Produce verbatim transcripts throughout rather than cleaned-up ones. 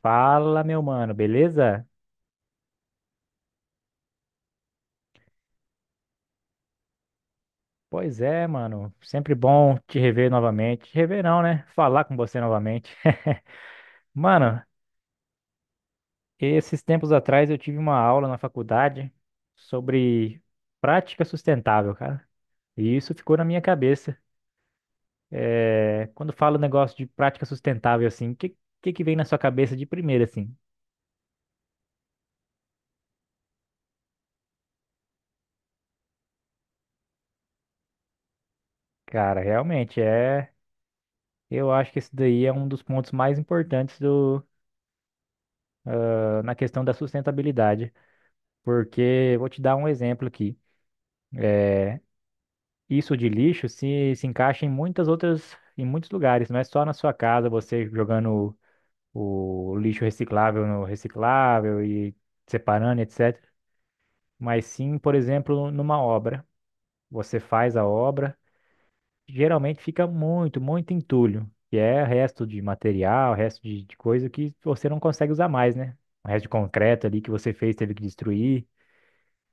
Fala, meu mano, beleza? Pois é, mano. Sempre bom te rever novamente. Te rever não, né? Falar com você novamente. Mano, esses tempos atrás eu tive uma aula na faculdade sobre prática sustentável, cara. E isso ficou na minha cabeça. É, quando falo negócio de prática sustentável, assim, o que, que que vem na sua cabeça de primeira, assim? Cara, realmente é. Eu acho que esse daí é um dos pontos mais importantes do... na questão da sustentabilidade. Porque vou te dar um exemplo aqui. Isso de lixo se, se encaixa em muitas outras, em muitos lugares, não é só na sua casa, você jogando o, o lixo reciclável no reciclável e separando, et cetera. Mas sim, por exemplo, numa obra. Você faz a obra, geralmente fica muito, muito entulho, que é resto de material, resto de, de coisa que você não consegue usar mais, né? O resto de concreto ali que você fez, teve que destruir.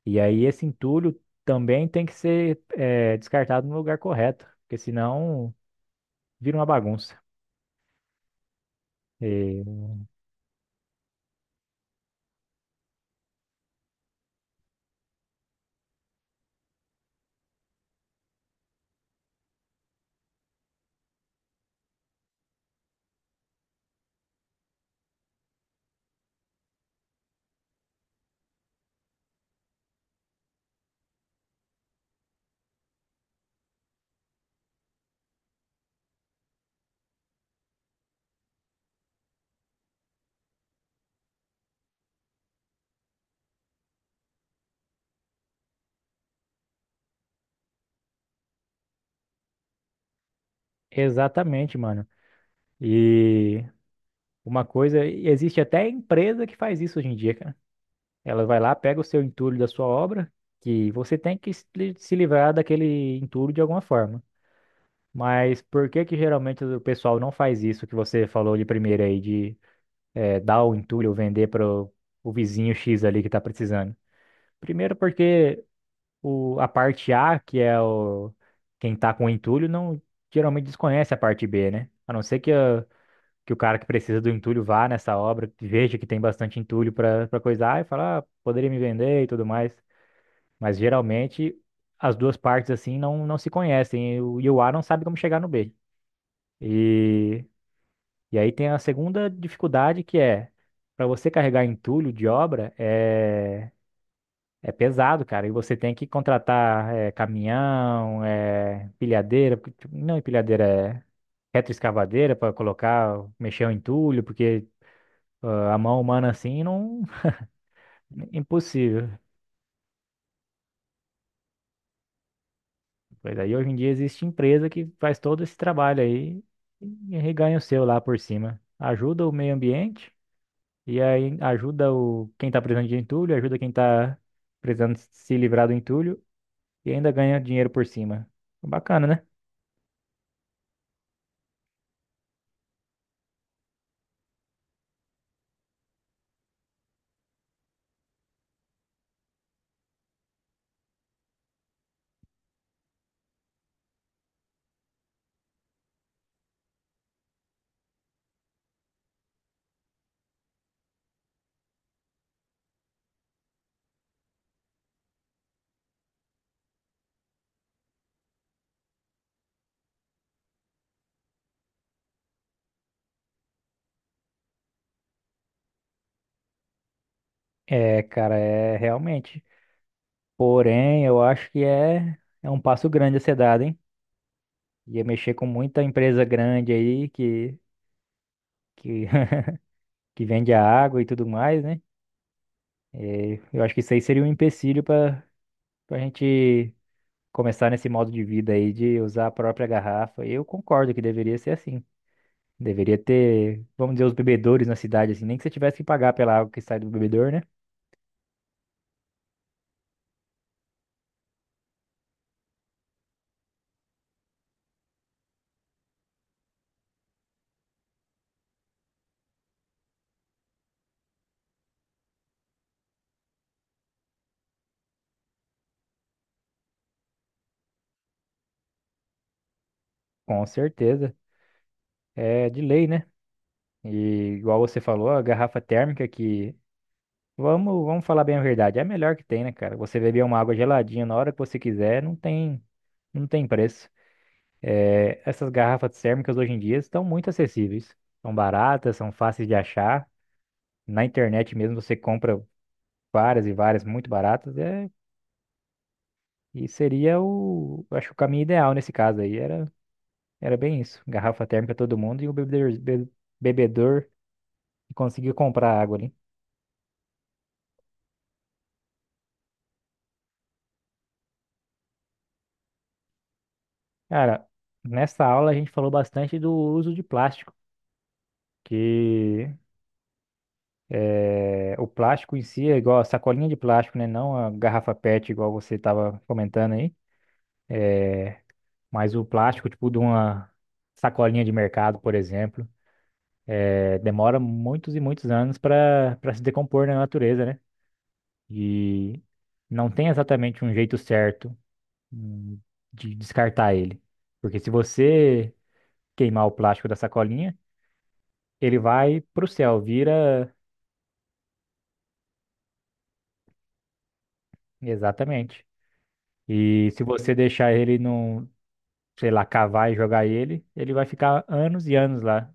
E aí esse entulho também tem que ser eh, descartado no lugar correto, porque senão vira uma bagunça. E- Exatamente, mano. E uma coisa, e existe até empresa que faz isso hoje em dia, cara. Ela vai lá, pega o seu entulho da sua obra, que você tem que se li- se livrar daquele entulho de alguma forma. Mas por que que geralmente o pessoal não faz isso que você falou de primeiro aí, de eh, dar o entulho ou vender para o vizinho X ali que tá precisando? Primeiro porque o, a parte A, que é o, quem tá com o entulho, não geralmente desconhece a parte B, né? A não ser que, a- que o cara que precisa do entulho vá nessa obra, que veja que tem bastante entulho pra para coisar e fala, ah, poderia me vender e tudo mais. Mas geralmente as duas partes assim não, não se conhecem e o, e o A não sabe como chegar no B. E, e aí tem a segunda dificuldade que é para você carregar entulho de obra, é é pesado, cara. E você tem que contratar eh, caminhão, eh, empilhadeira, porque, tipo, não empilhadeira, é retroescavadeira para colocar, mexer o entulho, porque ah, a mão humana assim não é impossível. Pois aí hoje em dia existe empresa que faz todo esse trabalho aí e reganha o seu lá por cima. Ajuda o meio ambiente e aí ajuda o quem tá precisando de entulho, ajuda quem tá precisando se livrar do entulho e ainda ganha dinheiro por cima. Bacana, né? É, cara, é realmente. Porém, eu acho que é, é um passo grande a ser dado, hein? Ia mexer com muita empresa grande aí que, que, que vende a água e tudo mais, né? É, eu acho que isso aí seria um empecilho para a gente começar nesse modo de vida aí de usar a própria garrafa. Eu concordo que deveria ser assim. Deveria ter, vamos dizer, os bebedores na cidade, assim, nem que você tivesse que pagar pela água que sai do bebedor, né? Com certeza. É de lei, né? E igual você falou, a garrafa térmica que Vamos, vamos falar bem a verdade. É a melhor que tem, né, cara? Você beber uma água geladinha na hora que você quiser, não tem, não tem preço. É, essas garrafas térmicas hoje em dia estão muito acessíveis. São baratas, são fáceis de achar. Na internet mesmo você compra várias e várias muito baratas. É, e seria o, eu acho que o caminho ideal nesse caso aí era, era bem isso. Garrafa térmica todo mundo e o bebedor, be- bebedor que conseguiu comprar água ali. Cara, nessa aula a gente falou bastante do uso de plástico. Que É, o plástico em si é igual a sacolinha de plástico, né? Não a garrafa P E T, igual você estava comentando aí. Mas o plástico, tipo, de uma sacolinha de mercado, por exemplo, é, demora muitos e muitos anos para para se decompor na natureza, né? E não tem exatamente um jeito certo hum, de descartar ele. Porque se você queimar o plástico da sacolinha, ele vai para o céu, vira. Exatamente. E se você deixar ele num, sei lá, cavar e jogar ele, ele vai ficar anos e anos lá,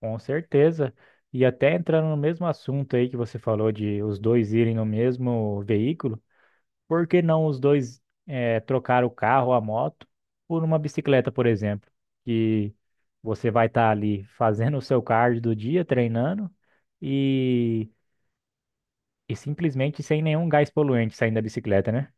com certeza. E até entrando no mesmo assunto aí que você falou de os dois irem no mesmo veículo, por que não os dois eh, trocar o carro, a moto, por uma bicicleta, por exemplo? Que você vai estar ali fazendo o seu cardio do dia, treinando, e, e simplesmente sem nenhum gás poluente saindo da bicicleta, né?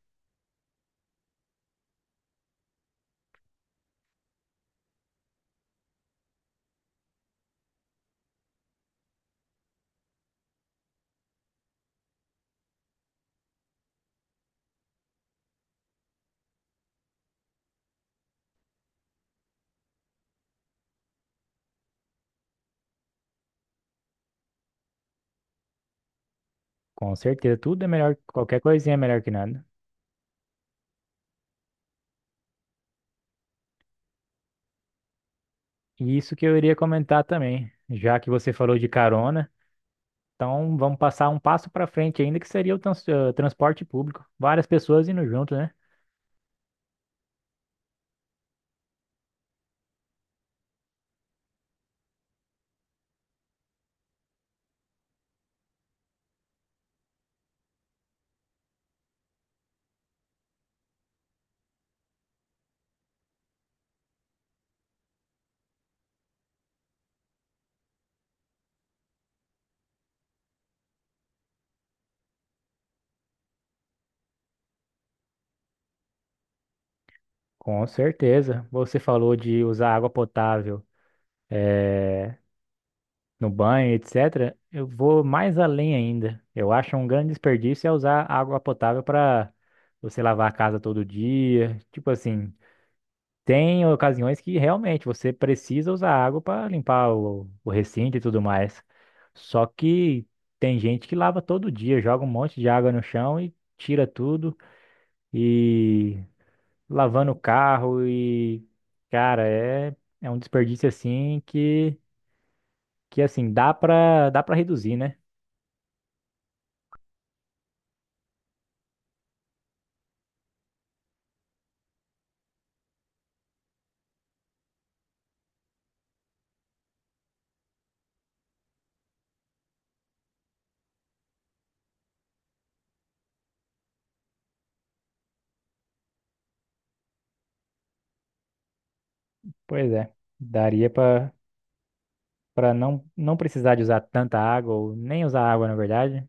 Com certeza, tudo é melhor, qualquer coisinha é melhor que nada. E isso que eu iria comentar também, já que você falou de carona, então vamos passar um passo para frente ainda, que seria o trans- eh, transporte público. Várias pessoas indo junto, né? Com certeza. Você falou de usar água potável, eh, no banho, et cetera. Eu vou mais além ainda. Eu acho um grande desperdício é usar água potável para você lavar a casa todo dia. Tipo assim, tem ocasiões que realmente você precisa usar água para limpar o, o recinto e tudo mais. Só que tem gente que lava todo dia, joga um monte de água no chão e tira tudo e lavando o carro e cara, é é um desperdício assim que que assim dá para dá para reduzir, né? Pois é. Daria para para não não precisar de usar tanta água ou nem usar água, na verdade.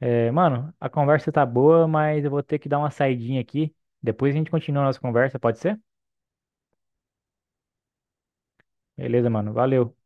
É, mano, a conversa tá boa, mas eu vou ter que dar uma saidinha aqui. Depois a gente continua a nossa conversa, pode ser? Beleza, mano. Valeu.